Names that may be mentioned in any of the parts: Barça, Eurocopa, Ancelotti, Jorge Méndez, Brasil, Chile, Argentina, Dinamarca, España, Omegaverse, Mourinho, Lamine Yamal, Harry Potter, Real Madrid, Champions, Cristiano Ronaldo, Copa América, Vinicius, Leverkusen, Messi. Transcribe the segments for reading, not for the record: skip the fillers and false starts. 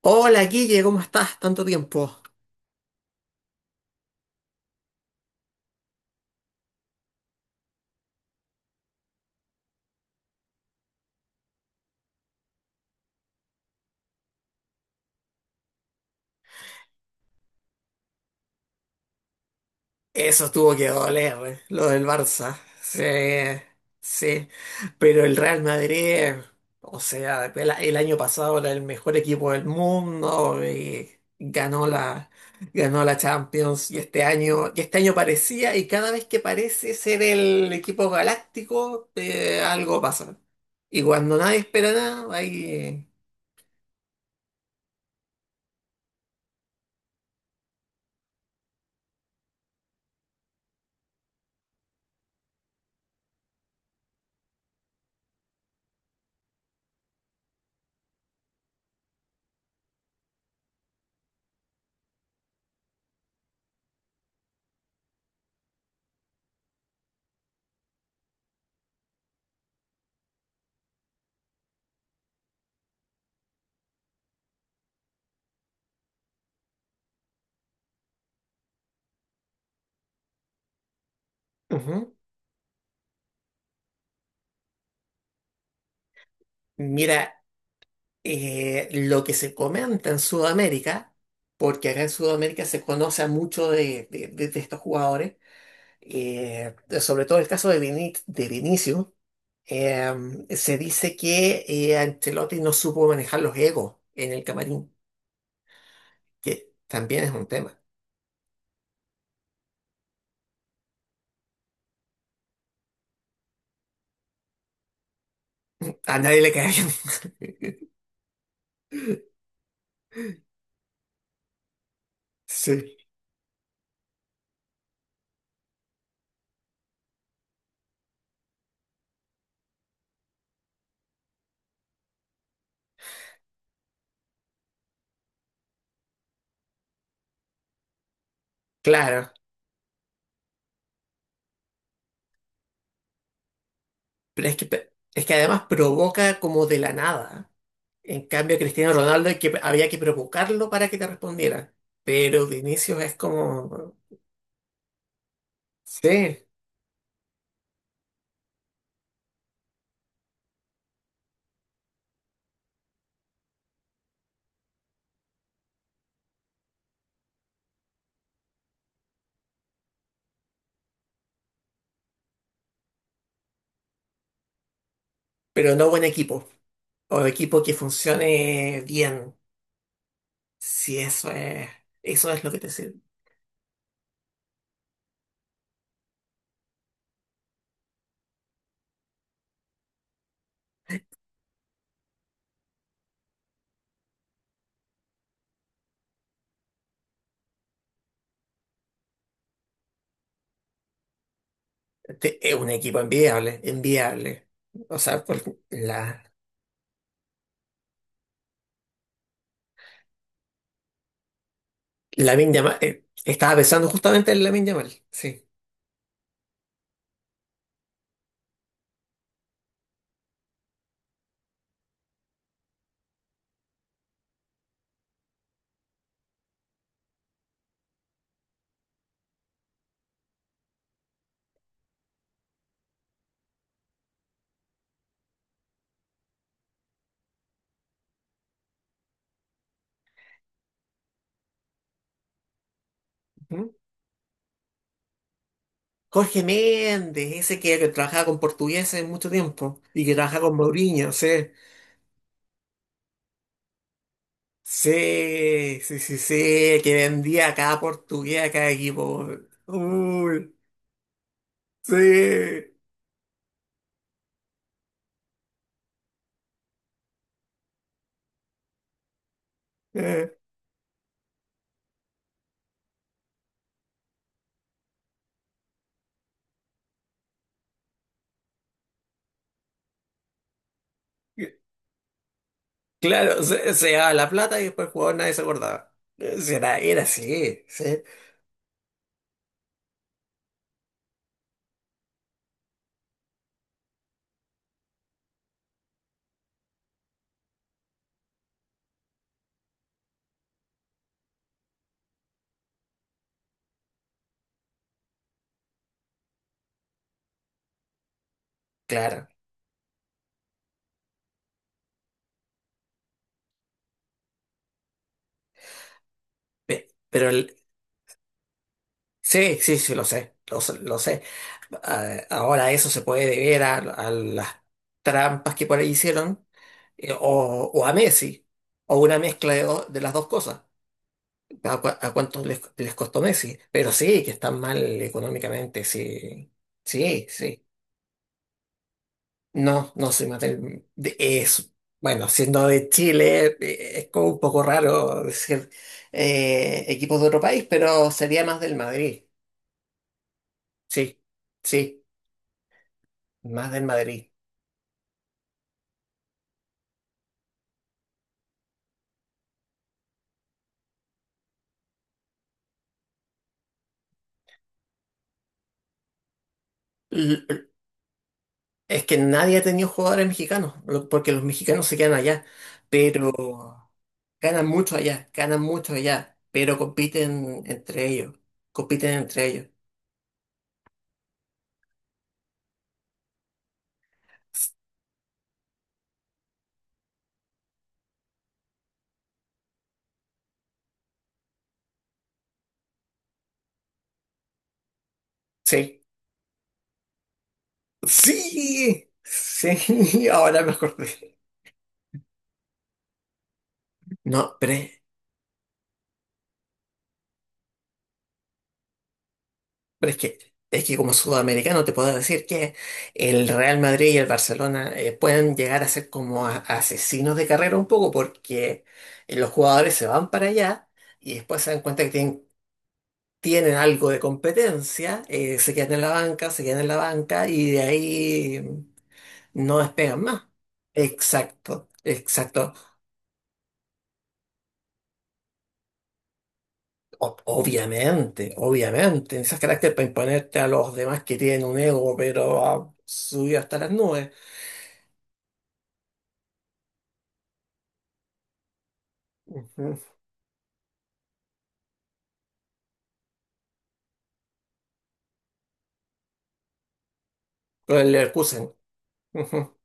Hola, Guille, ¿cómo estás? Tanto tiempo. Eso tuvo que doler, lo del Barça. Sí, sí. Pero el Real Madrid, o sea, el año pasado era el mejor equipo del mundo y ganó la, ganó la Champions. Y este año parecía, y cada vez que parece ser el equipo galáctico, algo pasa. Y cuando nadie espera nada, ahí. Ujú. Mira, lo que se comenta en Sudamérica, porque acá en Sudamérica se conoce a mucho de estos jugadores, eh, sobre todo el caso de, de Vinicius, eh, se dice que Ancelotti no supo manejar los egos en el camarín, que también es un tema. A nadie le cae bien. Sí, claro. Pero es que además provoca como de la nada. En cambio, Cristiano Ronaldo hay que, había que provocarlo para que te respondiera. Pero Vinicius es como, sí, pero no buen equipo. O equipo que funcione bien. Si eso es, eso es lo que te sirve. Es un equipo enviable, enviable. O sea, por la, Lamine Yamal, estaba pensando justamente en Lamine Yamal, sí. Ujú. Jorge Méndez, ese que trabajaba con portugueses mucho tiempo y que trabajaba con Mourinho, sí. Sí, que vendía a cada portugués, a cada equipo. Uy, sí. Claro, se daba la plata y después el jugador nadie se acordaba. Sí, era, era así, sí, claro. Pero sí, sí, sí, lo sé, lo, sé, lo sé. Ah, ahora eso se puede deber a las trampas que por ahí hicieron, eh, o, o a Messi, o una mezcla de, de las dos cosas. ¿A, a cuántos les, les costó Messi? Pero sí, que están mal económicamente, sí. Sí, sí. No, no soy Mattel. Es, bueno, siendo de Chile, es como un poco raro decir equipos de otro país, pero sería más del Madrid. Sí, sí, más del Madrid. Es que nadie ha tenido jugadores mexicanos, porque los mexicanos se quedan allá, pero ganan mucho allá, pero compiten entre ellos, compiten entre ellos. Sí, sí, sí, ahora me acordé. No, pero, pero es que como sudamericano te puedo decir que el Real Madrid y el Barcelona pueden llegar a ser como asesinos de carrera un poco porque los jugadores se van para allá y después se dan cuenta que tienen tienen algo de competencia, se quedan en la banca, se quedan en la banca y de ahí no despegan más. Exacto, exacto. Obviamente, obviamente, esas carácter para imponerte a los demás que tienen un ego, pero subido hasta las nubes. Ujú. Con el Leverkusen. Ujú.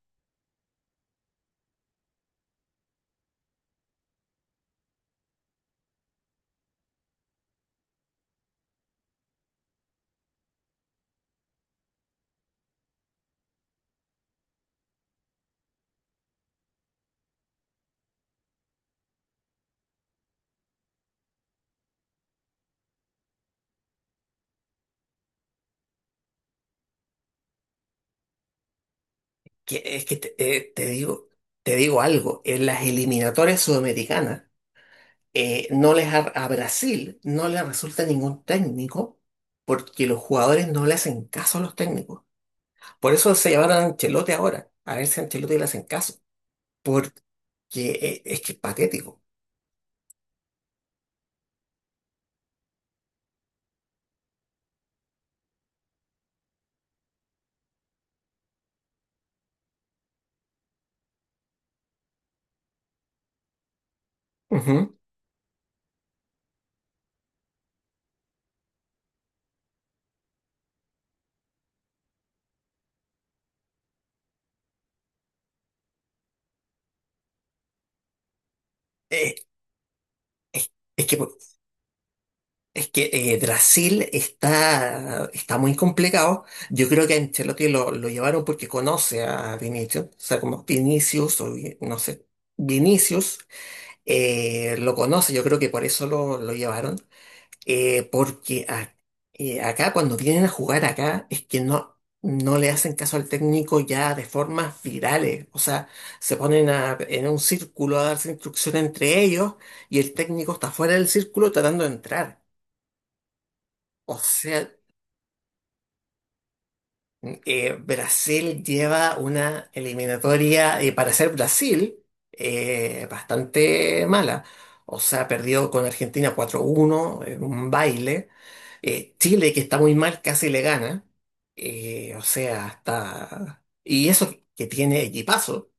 Que, es que te, te digo algo, en las eliminatorias sudamericanas. No a Brasil no le resulta ningún técnico porque los jugadores no le hacen caso a los técnicos. Por eso se llevaron a Ancelotti ahora, a ver si a Ancelotti le hacen caso, porque es que es patético. Ujú. Eh, es, es que, es que Brasil está, está muy complicado. Yo creo que a Ancelotti lo llevaron porque conoce a Vinicius, o sea, como Vinicius, o no sé, Vinicius lo conoce, yo creo que por eso lo llevaron. Eh, porque a- acá cuando vienen a jugar acá es que no, no le hacen caso al técnico ya de formas virales. O sea, se ponen en un círculo a darse instrucción entre ellos y el técnico está fuera del círculo tratando de entrar. O sea, Brasil lleva una eliminatoria, para ser Brasil, bastante mala. O sea, perdió con Argentina 4-1 en un baile. Chile, que está muy mal, casi le gana. O sea, está... Y eso que tiene equipazo.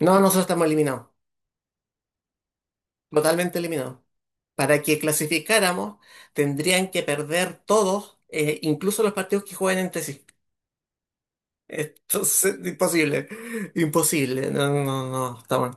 No, nosotros estamos eliminados, totalmente eliminados. Para que clasificáramos, tendrían que perder todos, incluso los partidos que juegan entre sí. Entonces, imposible, imposible. No, no, no, no, estamos,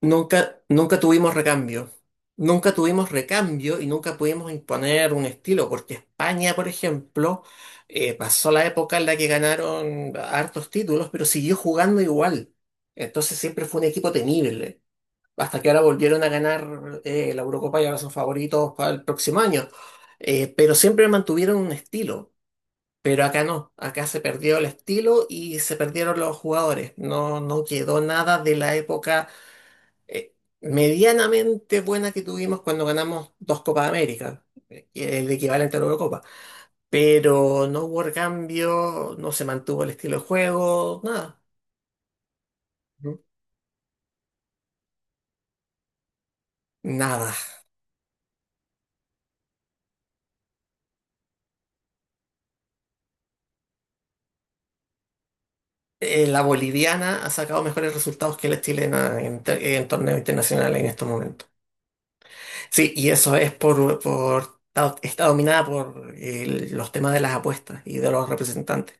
nunca, nunca tuvimos recambio. Nunca tuvimos recambio y nunca pudimos imponer un estilo, porque España, por ejemplo, pasó la época en la que ganaron hartos títulos, pero siguió jugando igual. Entonces siempre fue un equipo temible. Hasta que ahora volvieron a ganar la Eurocopa y ahora son favoritos para el próximo año. Pero siempre mantuvieron un estilo. Pero acá no, acá se perdió el estilo y se perdieron los jugadores. No, no quedó nada de la época eh, medianamente buena que tuvimos cuando ganamos dos Copas América, el equivalente a la Eurocopa. Pero no hubo cambio, no se mantuvo el estilo de juego, nada. Ujú. Nada. La boliviana ha sacado mejores resultados que la chilena en, en torneos internacionales en estos momentos. Sí, y eso es por está está dominada por los temas de las apuestas y de los representantes.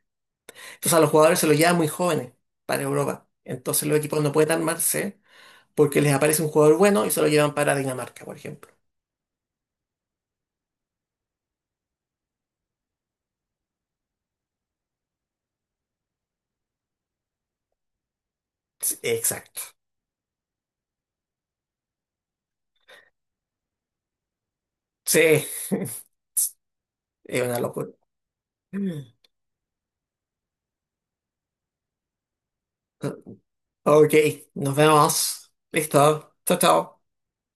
Entonces a los jugadores se los lleva muy jóvenes para Europa. Entonces los equipos no pueden armarse porque les aparece un jugador bueno y se lo llevan para Dinamarca, por ejemplo. Sí, exacto. Sí, es una locura. Ok, nos vemos. Listo. Chao, chao.